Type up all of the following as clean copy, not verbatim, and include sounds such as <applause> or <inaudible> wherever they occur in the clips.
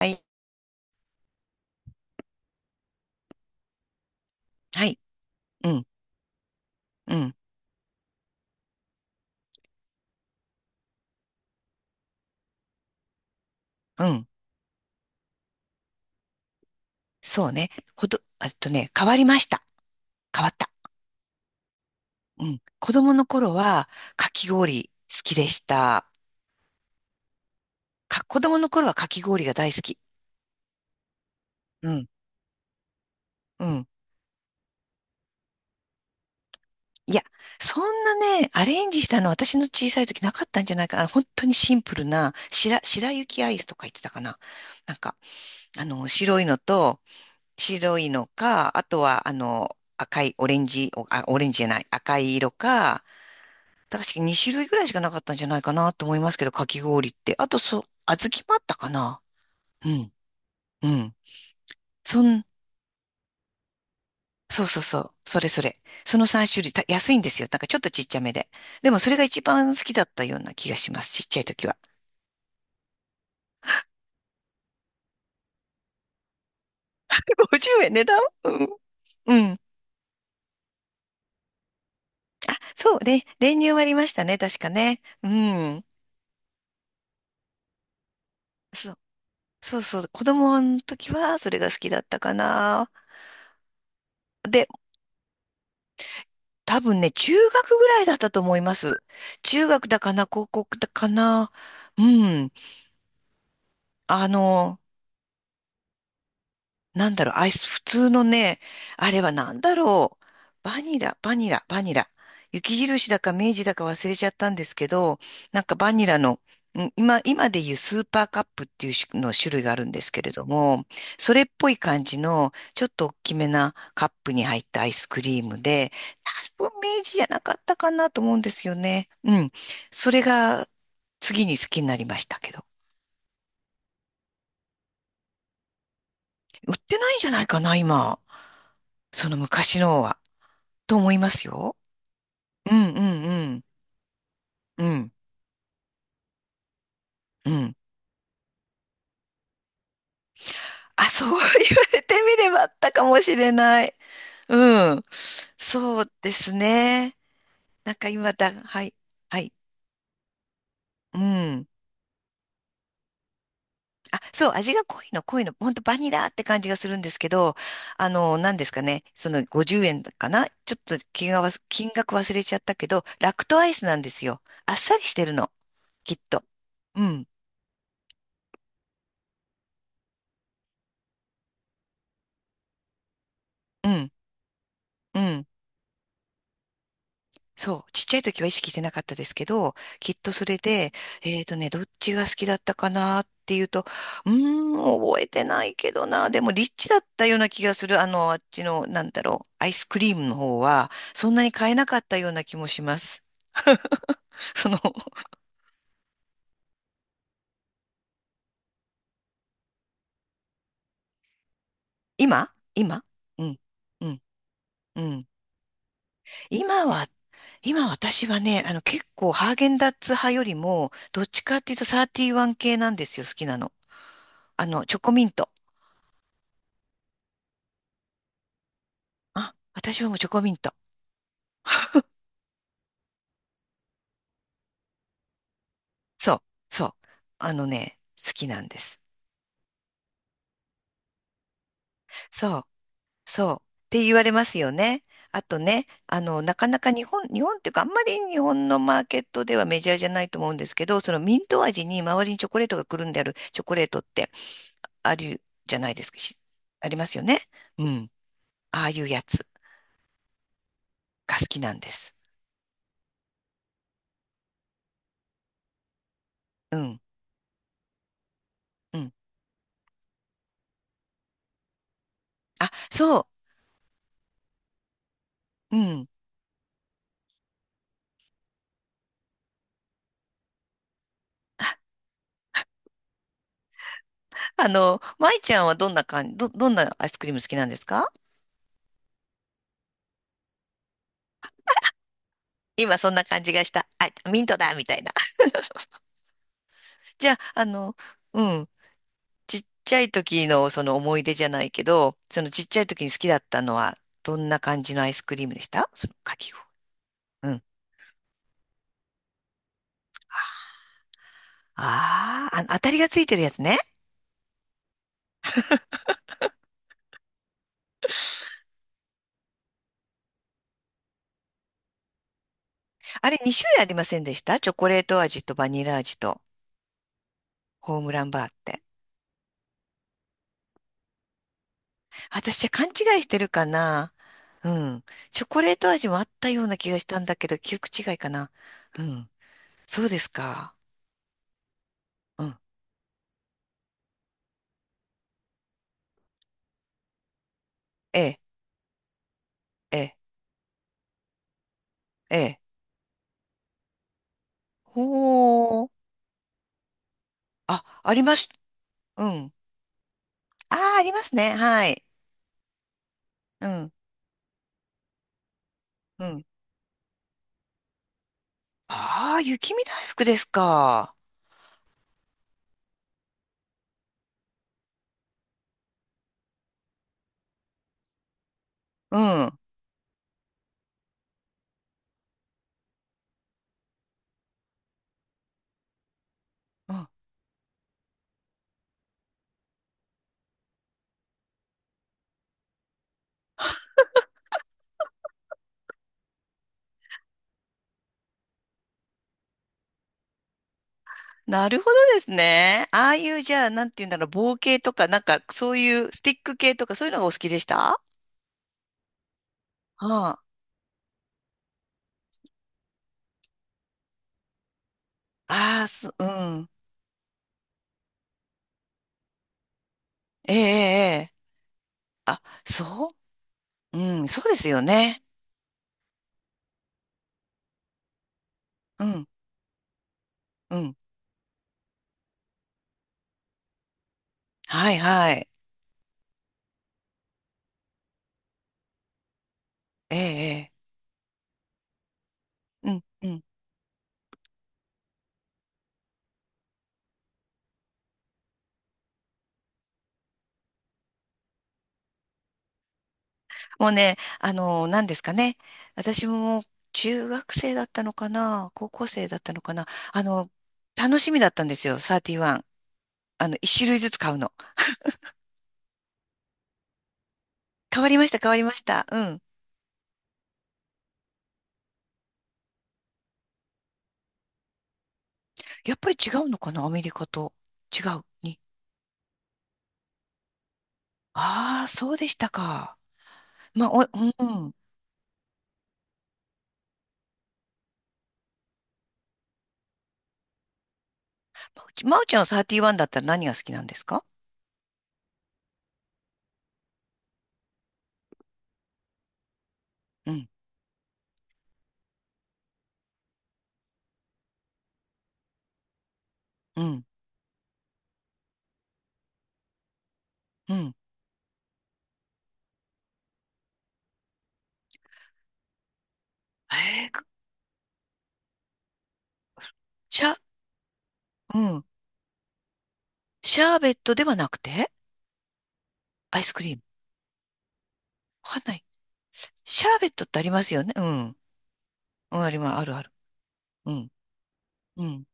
はい。はい。うん。うん。うん。そうね。こと、えっとね、変わりました。変わった。うん。子供の頃は、かき氷好きでした。子供の頃はかき氷が大好き。うん。うん。いや、そんなね、アレンジしたの私の小さい時なかったんじゃないかな。本当にシンプルな、白雪アイスとか言ってたかな。なんか、白いのと、白いのか、あとは、赤い、オレンジ、オレンジじゃない、赤い色か、確かに2種類ぐらいしかなかったんじゃないかなと思いますけど、かき氷って。あと、そう、小豆もあったかな。うん、うん。そん、そうそうそう。それそれ。その3種類、安いんですよ。なんかちょっとちっちゃめで。でもそれが一番好きだったような気がします。ちっちゃい時は。<laughs> 50円、値段。うん。うん。そう、練乳もありましたね。確かね。うん。そう、そうそう。子供の時はそれが好きだったかな。で、多分ね、中学ぐらいだったと思います。中学だかな、高校だかな。うん。あの、なんだろう、アイス、普通のね、あれはなんだろう、バニラ、バニラ、バニラ。雪印だか明治だか忘れちゃったんですけど、なんかバニラの、今でいうスーパーカップっていう種の種類があるんですけれども、それっぽい感じの、ちょっと大きめなカップに入ったアイスクリームで、多分明治じゃなかったかなと思うんですよね。うん。それが次に好きになりましたけど。売ってないんじゃないかな、今。その昔のは。と思いますよ。うんうんうん。うんうん。あ、そう言われてみればあったかもしれない。うん。そうですね。なんか今だ、はい。はい。うん。あ、そう、味が濃いの、濃いの。ほんとバニラって感じがするんですけど、何ですかね。その50円かなちょっと金額は、忘れちゃったけど、ラクトアイスなんですよ。あっさりしてるの、きっと。うん。うん。うん。そう、ちっちゃい時は意識してなかったですけど、きっとそれで、どっちが好きだったかなっていうと、うー覚えてないけどな、でもリッチだったような気がする、あっちの、なんだろう、アイスクリームの方は、そんなに買えなかったような気もします。<laughs> その、今。うん、うん、うん。今は、今私はね、結構ハーゲンダッツ派よりも、どっちかっていうとサーティワン系なんですよ、好きなの。チョコミント。あ、私はもうチョコミント。そう、そう。あのね、好きなんです。そう、そう。って言われますよね。あとね、なかなか日本、日本っていうか、あんまり日本のマーケットではメジャーじゃないと思うんですけど、そのミント味に周りにチョコレートがくるんであるチョコレートってあるじゃないですか。ありますよね。うん。ああいうやつが好きなんです。うん、うん。あ、そう、うん。舞ちゃんはどんな感じ、どんなアイスクリーム好きなんですか？今そんな感じがした。あ、ミントだみたいな。じゃあ、うん、ちっちゃい時のその思い出じゃないけど、そのちっちゃい時に好きだったのは、どんな感じのアイスクリームでした？そのかき氷。うん。あーあ、当たりがついてるやつね。あれ2種類ありませんでした？チョコレート味とバニラ味と、ホームランバーって。私じゃ勘違いしてるかな。うん。チョコレート味もあったような気がしたんだけど、記憶違いかな。うん。そうですか。うん。ええ、ええ、ええ。ほー。あ、ありました。うん。ああ、ありますね。はい。うん。うん。ああ、雪見大福ですか。うん。うん。なるほどですね。ああいう、じゃあ、なんていうんだろう、棒系とか、なんか、そういう、スティック系とか、そういうのがお好きでしたは？あ。ああ、そ、うん。ええ、ええ。ええ。あ、そう。うん、そうですよね。うん、うん。はい、はい。ええ、ええ。うん、うん。もうね、何ですかね。私も中学生だったのかな、高校生だったのかな。あの、楽しみだったんですよ、サーティワン。一種類ずつ買うの。変わりました、変わりました。うん。やっぱり違うのかな、アメリカと。違う。に。ああ、そうでしたか。まあ、うん。まうちまおちゃんはサーティワンだったら何が好きなんですか？うん、うん、うん。えー、くシャ、うん。シャーベットではなくて、アイスクリーム。わかんない。シャーベットってありますよね。うん。うん、あります。あるある。うん。うん。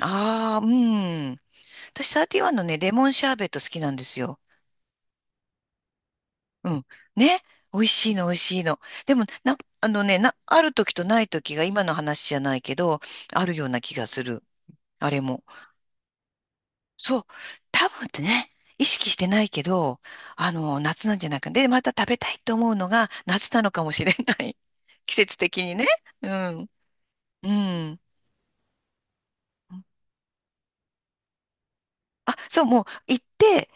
ああ、うん。私、サーティワンのね、レモンシャーベット好きなんですよ。うん。ね。美味しいの、美味しいの。でも、あのね、ある時とない時が今の話じゃないけど、あるような気がする。あれも。そう。多分ってね、意識してないけど、夏なんじゃないか。で、また食べたいと思うのが夏なのかもしれない。<laughs> 季節的にね。うん。うん。あ、そう、もう行って、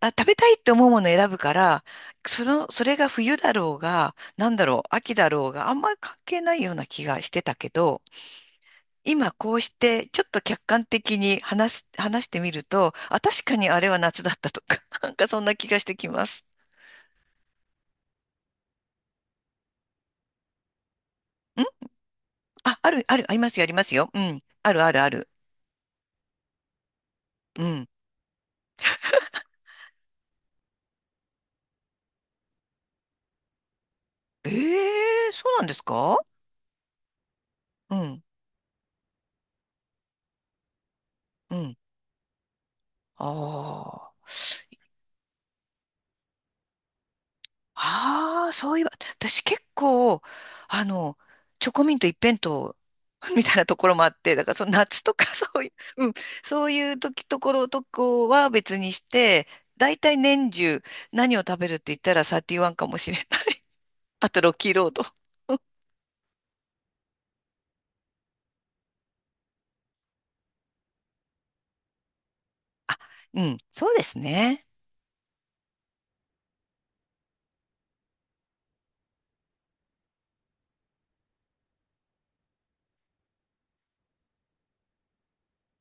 あ、食べたいって思うものを選ぶから、それが冬だろうが、なんだろう、秋だろうがあんまり関係ないような気がしてたけど、今こうしてちょっと客観的に話してみると、あ、確かにあれは夏だったとか、<laughs> なんかそんな気がしてきます。んあ、ある、ある、ありますよ、ありますよ。うん。ある、ある、ある。うん。ええ、そうなんですか？うん、うん。ああ。ああ、そういえば、私結構、あの、チョコミント一辺倒 <laughs> みたいなところもあって、だからその夏とか <laughs> そういう、うん、そういう時、ところとこは別にして、だいたい年中何を食べるって言ったらサーティワンかもしれない。<laughs> あとロッキーロード。<laughs> うん、そうですね。